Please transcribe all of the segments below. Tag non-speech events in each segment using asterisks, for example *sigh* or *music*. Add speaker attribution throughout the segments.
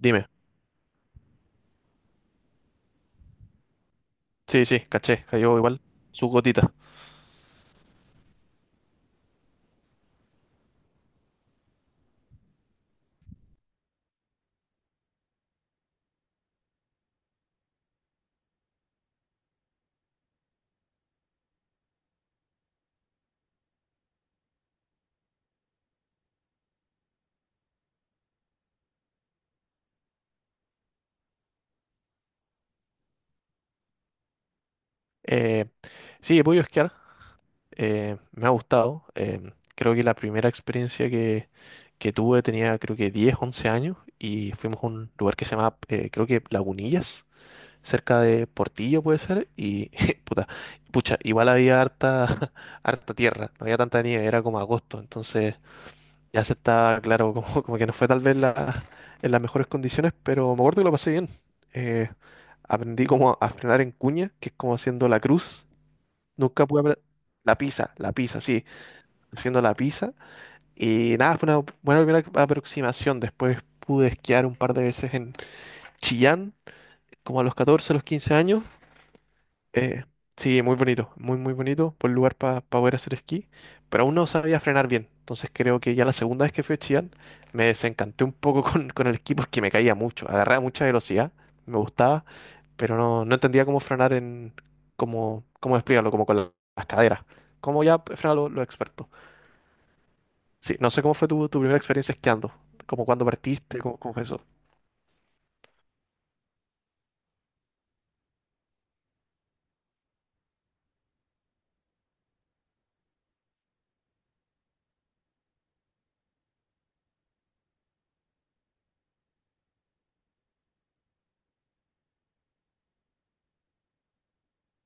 Speaker 1: Dime. Sí, sí, caché, cayó igual su gotita. Eh, sí, he podido esquiar. Me ha gustado. Creo que la primera experiencia que tuve tenía creo que 10, 11 años y fuimos a un lugar que se llama, creo que Lagunillas, cerca de Portillo puede ser. Y *laughs* puta, pucha, igual había harta, *laughs* harta tierra, no había tanta nieve, era como agosto. Entonces ya se está claro, *laughs* como que no fue tal vez en las mejores condiciones, pero me acuerdo que lo pasé bien. Eh, Aprendí como a frenar en cuña, que es como haciendo la cruz. Nunca pude apre- la pizza, sí, haciendo la pizza. Y nada, fue una buena primera aproximación. Después pude esquiar un par de veces en Chillán, como a los 14, a los 15 años. Eh, sí, muy bonito, muy, muy bonito. Buen lugar para poder hacer esquí, pero aún no sabía frenar bien. Entonces creo que ya la segunda vez que fui a Chillán me desencanté un poco *laughs* con el esquí porque me caía mucho. Agarraba mucha velocidad, me gustaba, pero no, no entendía cómo frenar en, cómo explicarlo, como con las caderas. Como ya frenan los expertos. Sí, no sé cómo fue tu primera experiencia esquiando, como cuando partiste, cómo fue eso.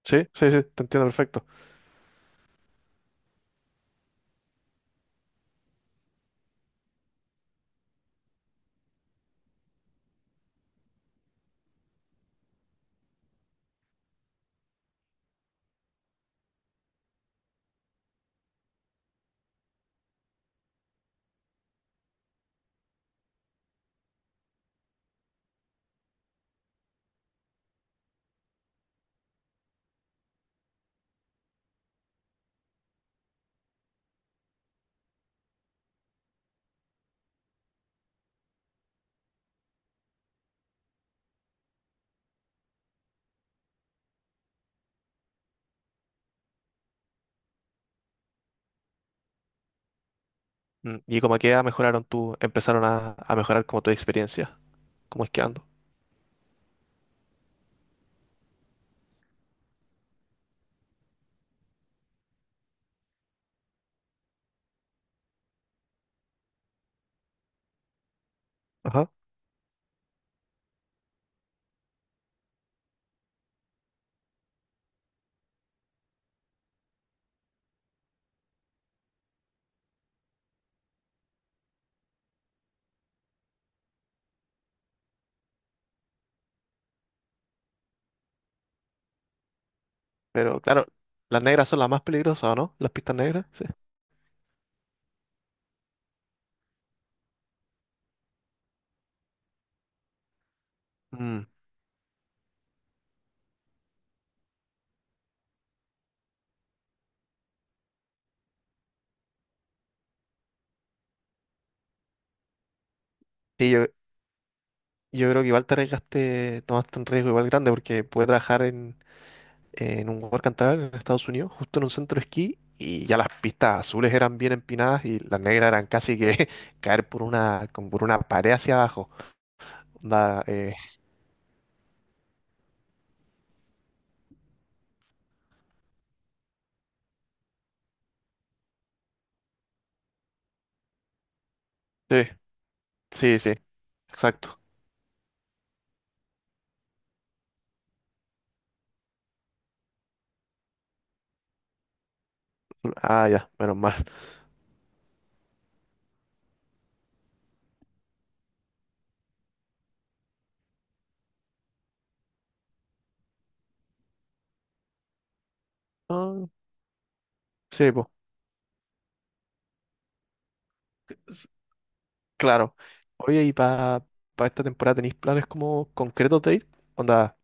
Speaker 1: Sí, sí, sí, te entiendo perfecto. Mm, y como que ya mejoraron tú, empezaron a mejorar como tu experiencia, como esquiando. Ajá. Pero claro, las negras son las más peligrosas, ¿o no? Las pistas negras, sí. Mm. Y yo creo que igual te arriesgaste, tomaste un riesgo igual grande porque pude trabajar en un work and travel en Estados Unidos, justo en un centro de esquí, y ya las pistas azules eran bien empinadas y las negras eran casi que *laughs* caer por una, como por una pared hacia abajo. Onda, sí, sí, sí, exacto. Ah, ya, menos mal. Ah, sí, pues. Claro. Oye, ¿y para esta temporada tenéis planes como concretos de ir? Onda,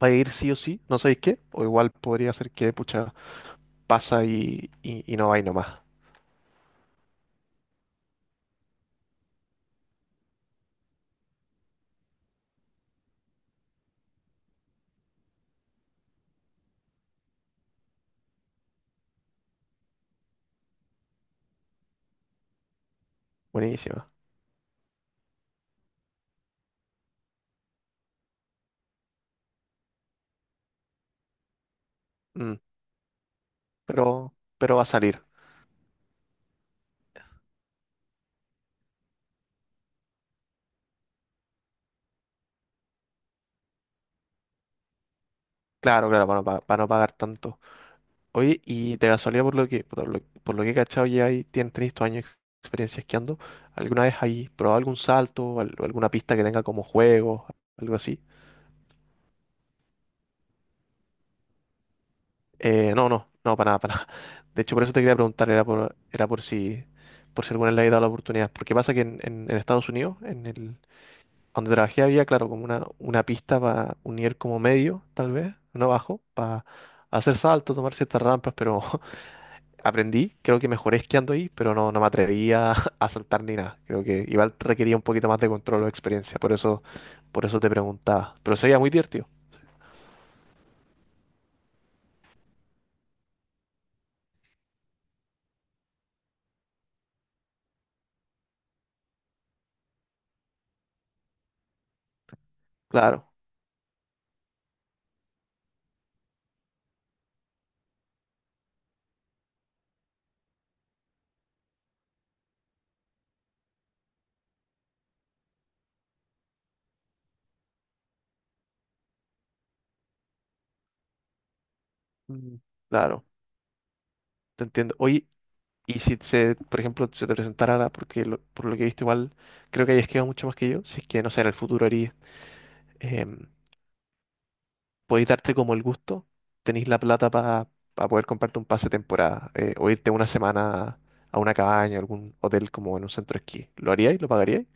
Speaker 1: ¿vais a ir sí o sí? ¿No sabéis qué? O igual podría ser que, pucha, pasa y no vais nomás. Buenísima. Mm, pero va a salir. Claro, claro, para no, para no pagar tanto. Oye, y de casualidad, por lo que he cachado, ya ahí tenéis tu años de experiencia esquiando. ¿Alguna vez ahí probado algún salto o alguna pista que tenga como juego, algo así? No, no, no, para nada, para nada. *laughs* De hecho, por eso te quería preguntar, era por, era por si alguna vez le había dado la oportunidad. Porque pasa que en Estados Unidos, donde trabajé, había, claro, como una pista para unir como medio, tal vez, no bajo, para hacer saltos, tomar ciertas rampas, pero *laughs* aprendí, creo que mejoré esquiando ahí, pero no, no me atrevía *laughs* a saltar ni nada. Creo que igual requería un poquito más de control o experiencia, por eso te preguntaba. Pero sería muy divertido. Claro. Mm. Claro, te entiendo. Oye, y si se, por ejemplo, se te presentara, por lo que he visto igual, creo que hayas quedado mucho más que yo, si es que, no sé, en el futuro harías, em, podéis darte como el gusto, tenéis la plata para poder comprarte un pase de temporada, o irte una semana a una cabaña, a algún hotel como en un centro de esquí. ¿Lo haríais? ¿Lo pagaríais?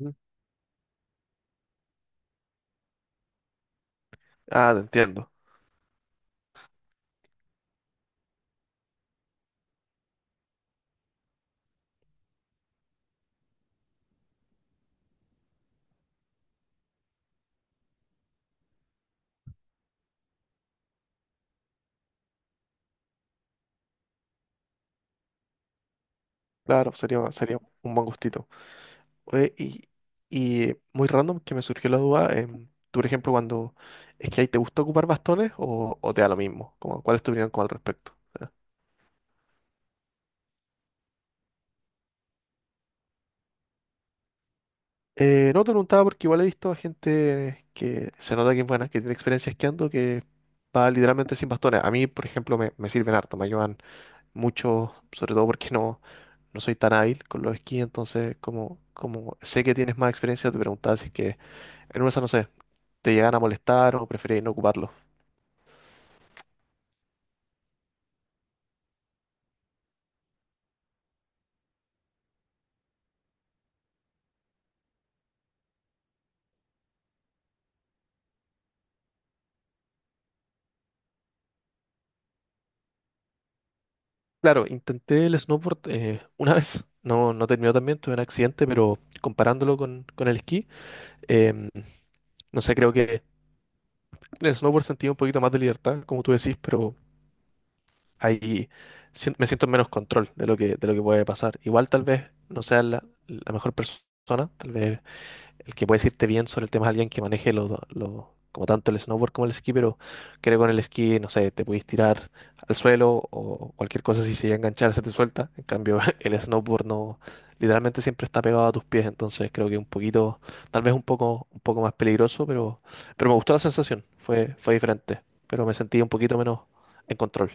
Speaker 1: Mm. Ah, te entiendo. Claro, sería un buen gustito. Oye, y muy random que me surgió la duda. Tú, por ejemplo, cuando es que ahí te gusta ocupar bastones o te da lo mismo. Como, ¿cuál es tu opinión como al respecto? No te preguntaba porque igual he visto a gente que se nota que es buena, que tiene experiencia esquiando, que va literalmente sin bastones. A mí, por ejemplo, me sirven harto, me ayudan mucho, sobre todo porque no, no soy tan hábil con los esquís, entonces como, como sé que tienes más experiencia, te preguntaba si es que en una, de esas, no sé, te llegan a molestar o preferís no ocuparlo. Claro, intenté el snowboard una vez, no, no terminó tan bien, tuve un accidente, pero comparándolo con el esquí, em, no sé, creo que en el snowboard sentí un poquito más de libertad, como tú decís, pero ahí me siento en menos control de lo que puede pasar. Igual tal vez no sea la mejor persona, tal vez el que puede decirte bien sobre el tema es alguien que maneje como tanto el snowboard como el esquí, pero creo que con el esquí, no sé, te puedes tirar al suelo o cualquier cosa si se llega a enganchar se te suelta. En cambio, *laughs* el snowboard no, literalmente siempre está pegado a tus pies, entonces creo que un poquito, tal vez un poco más peligroso, pero me gustó la sensación, fue diferente, pero me sentí un poquito menos en control.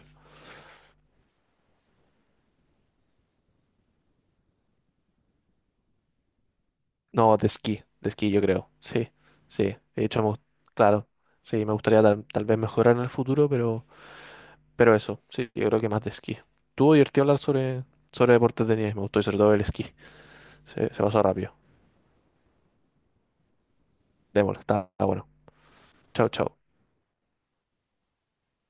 Speaker 1: No, de esquí yo creo, sí, sí. De hecho, claro, sí, me gustaría tal vez mejorar en el futuro, pero... Pero eso, sí, yo creo que más de esquí. Tuvo divertido hablar sobre deportes de nieve, me gustó y sobre todo el esquí. Se pasó rápido. Démosle, está bueno. Chao, chao.